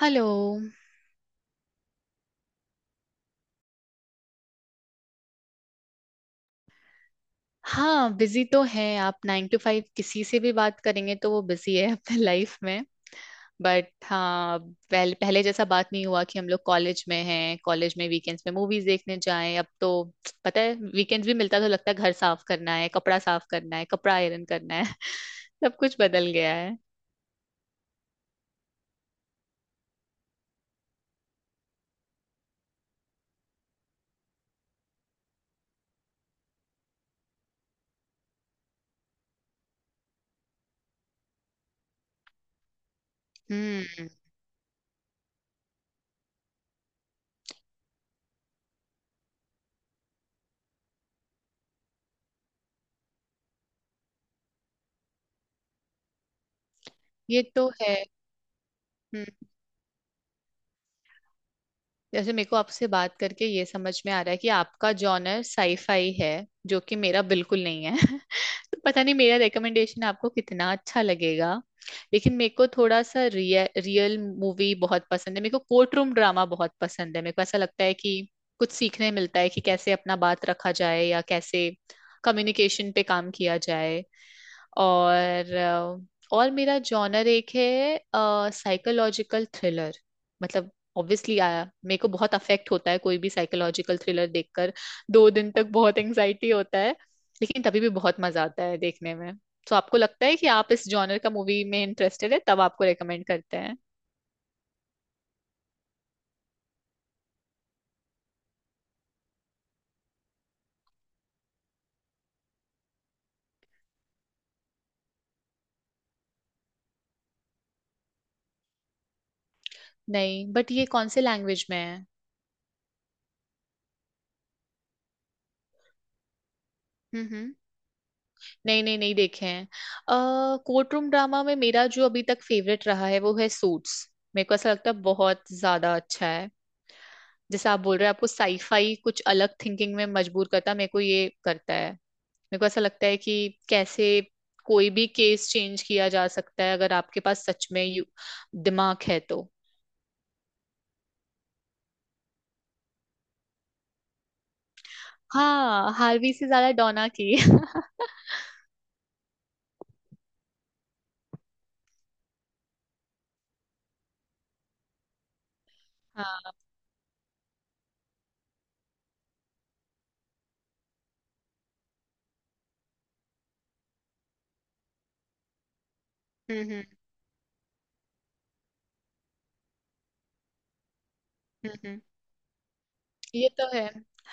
Hello. हाँ, busy तो है। आप 9 टू 5 किसी से भी बात करेंगे तो वो बिजी है अपने लाइफ में। बट हाँ, पहले पहले जैसा बात नहीं हुआ कि हम लोग कॉलेज में हैं, कॉलेज में वीकेंड्स में मूवीज देखने जाएं। अब तो पता है वीकेंड्स भी मिलता तो लगता है घर साफ करना है, कपड़ा साफ करना है, कपड़ा आयरन करना है। सब कुछ बदल गया है। हम्म। ये तो है। हम्म। जैसे मेरे को आपसे बात करके ये समझ में आ रहा है कि आपका जॉनर साईफाई है, जो कि मेरा बिल्कुल नहीं है। तो पता नहीं मेरा रिकमेंडेशन आपको कितना अच्छा लगेगा, लेकिन मेरे को थोड़ा सा रियल मूवी बहुत पसंद है। मेरे को कोर्ट रूम ड्रामा बहुत पसंद है। मेरे को ऐसा लगता है कि कुछ सीखने मिलता है कि कैसे अपना बात रखा जाए या कैसे कम्युनिकेशन पे काम किया जाए। और और मेरा जॉनर एक है साइकोलॉजिकल थ्रिलर। मतलब ऑब्वियसली आया मेरे को बहुत अफेक्ट होता है कोई भी साइकोलॉजिकल थ्रिलर देखकर। दो दिन तक बहुत एंजाइटी होता है, लेकिन तभी भी बहुत मजा आता है देखने में। तो आपको लगता है कि आप इस जॉनर का मूवी में इंटरेस्टेड है तब आपको रेकमेंड करते हैं। नहीं, बट ये कौन से लैंग्वेज में है? हम्म हम्म। नहीं नहीं नहीं देखे हैं। अ कोर्ट रूम ड्रामा में मेरा जो अभी तक फेवरेट रहा है वो है सूट्स। मेरे को ऐसा लगता है बहुत ज्यादा अच्छा है। जैसे आप बोल रहे हैं आपको साईफाई कुछ अलग थिंकिंग में मजबूर करता है, मेरे को ये करता है। मेरे को ऐसा लगता है कि कैसे कोई भी केस चेंज किया जा सकता है अगर आपके पास सच में दिमाग है तो। हाँ, हार्वी से ज्यादा डोना की। हाँ। हम्म। हम्म हम्म। ये तो है।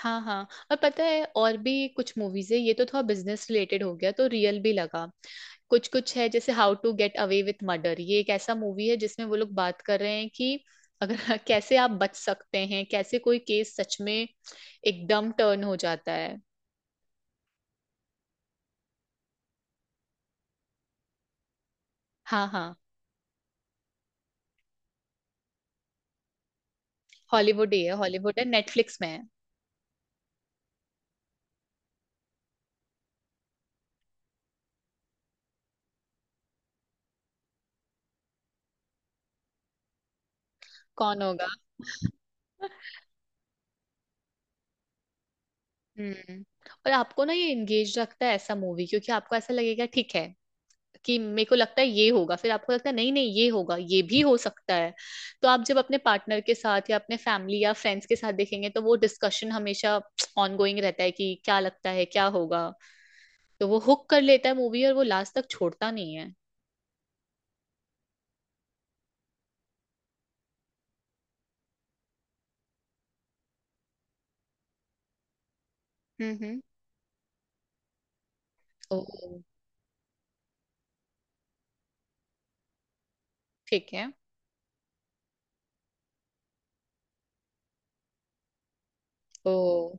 हाँ हाँ। और पता है और भी कुछ मूवीज है, ये तो थोड़ा बिजनेस रिलेटेड हो गया तो रियल भी लगा। कुछ कुछ है जैसे how to get away with murder. ये एक ऐसा मूवी है जिसमें वो लोग बात कर रहे हैं कि अगर कैसे आप बच सकते हैं, कैसे कोई केस सच में एकदम टर्न हो जाता है। हाँ हाँ। हॉलीवुड ही है, हॉलीवुड है, नेटफ्लिक्स में है। कौन होगा? हम्म। और आपको ना ये एंगेज रखता है ऐसा मूवी, क्योंकि आपको ऐसा लगेगा ठीक है कि मेरे को लगता है ये होगा, फिर आपको लगता है नहीं नहीं ये होगा, ये भी हो सकता है। तो आप जब अपने पार्टनर के साथ या अपने फैमिली या फ्रेंड्स के साथ देखेंगे तो वो डिस्कशन हमेशा ऑनगोइंग रहता है कि क्या लगता है क्या होगा। तो वो हुक कर लेता है मूवी, और वो लास्ट तक छोड़ता नहीं है। हम्म। ओह। ठीक है। ओह,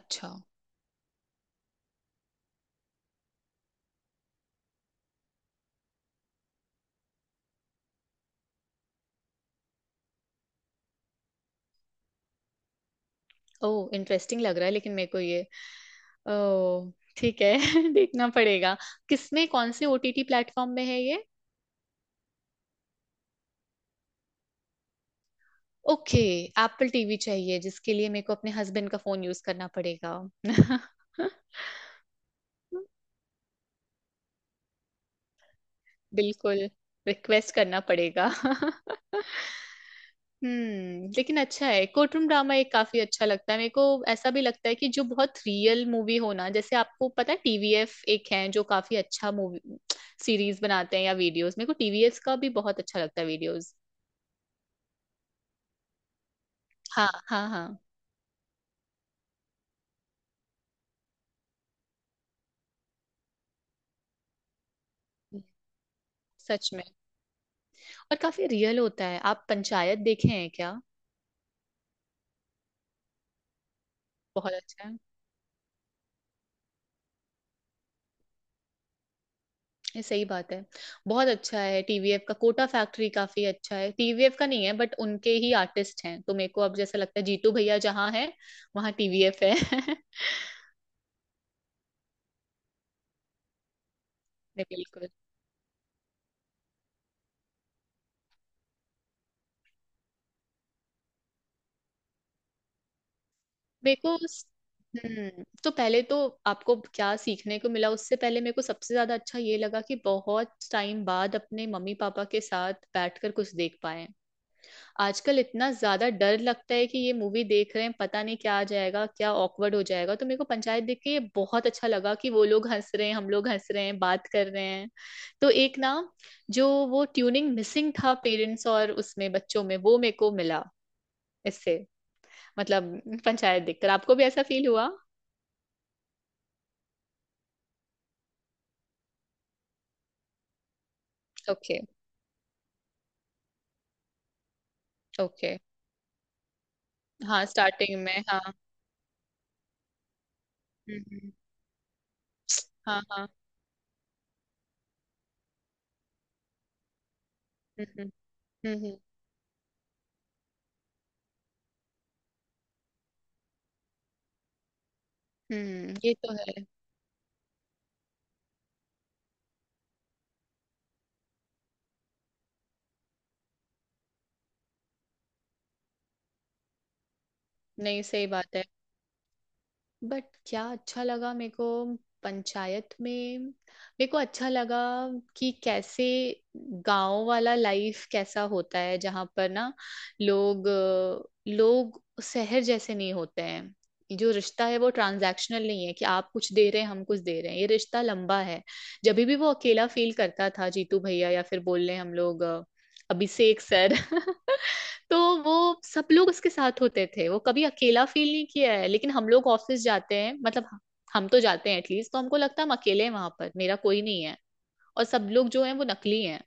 अच्छा। ओह, इंटरेस्टिंग लग रहा है, लेकिन मेरे को ये ओह ठीक है। देखना पड़ेगा। किसमें, कौन से ओटीटी प्लेटफॉर्म में है ये? ओके। एप्पल टीवी चाहिए जिसके लिए मेरे को अपने हस्बैंड का फोन यूज करना पड़ेगा। बिल्कुल। रिक्वेस्ट करना पड़ेगा। हम्म, लेकिन अच्छा है कोर्टरूम ड्रामा एक, काफी अच्छा लगता है मेरे को। ऐसा भी लगता है कि जो बहुत रियल मूवी हो ना, जैसे आपको पता है टीवीएफ एक है जो काफी अच्छा मूवी सीरीज बनाते हैं या वीडियोस, मेरे को टीवीएफ का भी बहुत अच्छा लगता है वीडियोस। हाँ हाँ हाँ। सच में। और काफी रियल होता है। आप पंचायत देखे हैं क्या? बहुत अच्छा है। ये सही बात है। बहुत अच्छा है। टीवीएफ का कोटा फैक्ट्री काफी अच्छा है, टीवीएफ का नहीं है बट उनके ही आर्टिस्ट हैं, तो मेरे को अब जैसा लगता है जीतू भैया जहाँ है वहाँ टीवीएफ है। नहीं, बिल्कुल। मेरे को हम्म, तो पहले तो आपको क्या सीखने को मिला उससे पहले मेरे को सबसे ज्यादा अच्छा ये लगा कि बहुत टाइम बाद अपने मम्मी पापा के साथ बैठकर कुछ देख पाए। आजकल इतना ज्यादा डर लगता है कि ये मूवी देख रहे हैं, पता नहीं क्या आ जाएगा, क्या ऑकवर्ड हो जाएगा। तो मेरे को पंचायत देख के ये बहुत अच्छा लगा कि वो लोग हंस रहे हैं, हम लोग हंस रहे हैं, बात कर रहे हैं। तो एक ना जो वो ट्यूनिंग मिसिंग था पेरेंट्स और उसमें बच्चों में, वो मेरे को मिला इससे। मतलब पंचायत देखकर आपको भी ऐसा फील हुआ? ओके। ओके। हाँ, स्टार्टिंग में हाँ। हम्म हम्म, हाँ हाँ। हम्म। हम्म हम्म, ये तो है। नहीं, सही बात है। बट क्या अच्छा लगा मेरे को पंचायत में, मेरे को अच्छा लगा कि कैसे गांव वाला लाइफ कैसा होता है, जहाँ पर ना लोग लोग शहर जैसे नहीं होते हैं, जो रिश्ता है वो ट्रांजैक्शनल नहीं है कि आप कुछ दे रहे हैं हम कुछ दे रहे हैं, ये रिश्ता लंबा है। जब भी वो अकेला फील करता था जीतू भैया या फिर बोल रहे हम लोग अभिषेक सर, तो वो सब लोग उसके साथ होते थे, वो कभी अकेला फील नहीं किया है। लेकिन हम लोग ऑफिस जाते हैं मतलब हम तो जाते हैं एटलीस्ट, तो हमको लगता है हम अकेले हैं वहां पर, मेरा कोई नहीं है और सब लोग जो हैं वो नकली हैं।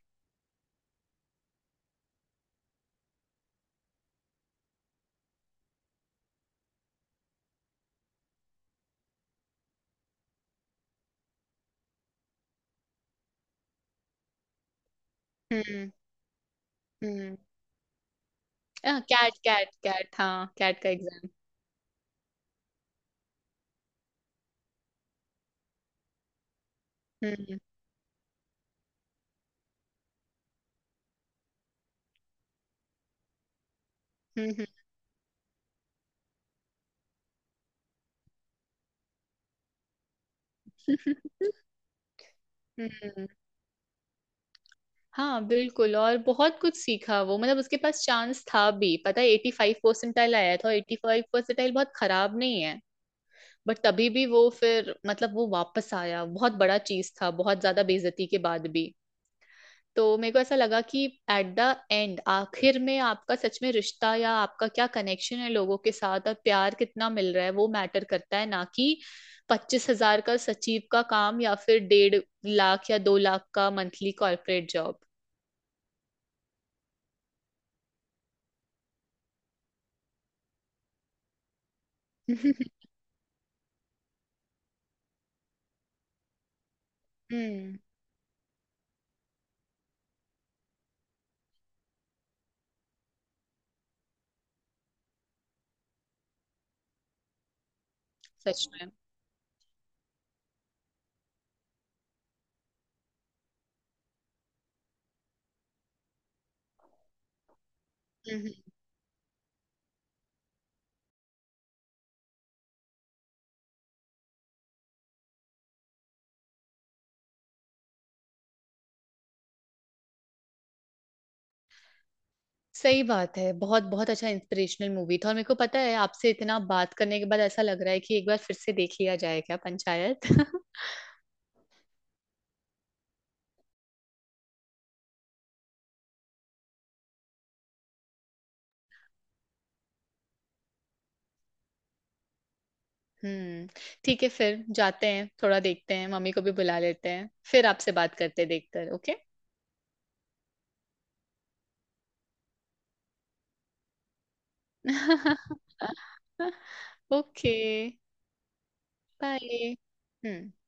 हम्म हम्म। कैट कैट कैट, हाँ, कैट का एग्जाम। हम्म हम्म। हम्म। हाँ बिल्कुल, और बहुत कुछ सीखा वो। मतलब उसके पास चांस था भी, पता है 85 परसेंटाइल आया था, और 85 परसेंटाइल बहुत खराब नहीं है। बट तभी भी वो फिर मतलब वो वापस आया, बहुत बड़ा चीज था बहुत ज्यादा बेइज्जती के बाद भी। तो मेरे को ऐसा लगा कि एट द एंड, आखिर में आपका सच में रिश्ता या आपका क्या कनेक्शन है लोगों के साथ और प्यार कितना मिल रहा है, वो मैटर करता है ना कि 25 हजार का सचिव का काम या फिर 1.5 लाख या 2 लाख का मंथली कॉर्पोरेट जॉब। हम्म। सच में। सही बात है, बहुत बहुत अच्छा इंस्पिरेशनल मूवी था। और मेरे को पता है आपसे इतना बात करने के बाद ऐसा लग रहा है कि एक बार फिर से देख लिया जाए क्या पंचायत। हम्म। ठीक है, फिर जाते हैं थोड़ा देखते हैं, मम्मी को भी बुला लेते हैं, फिर आपसे बात करते हैं देखकर। ओके। ओके। बाय। हम्म।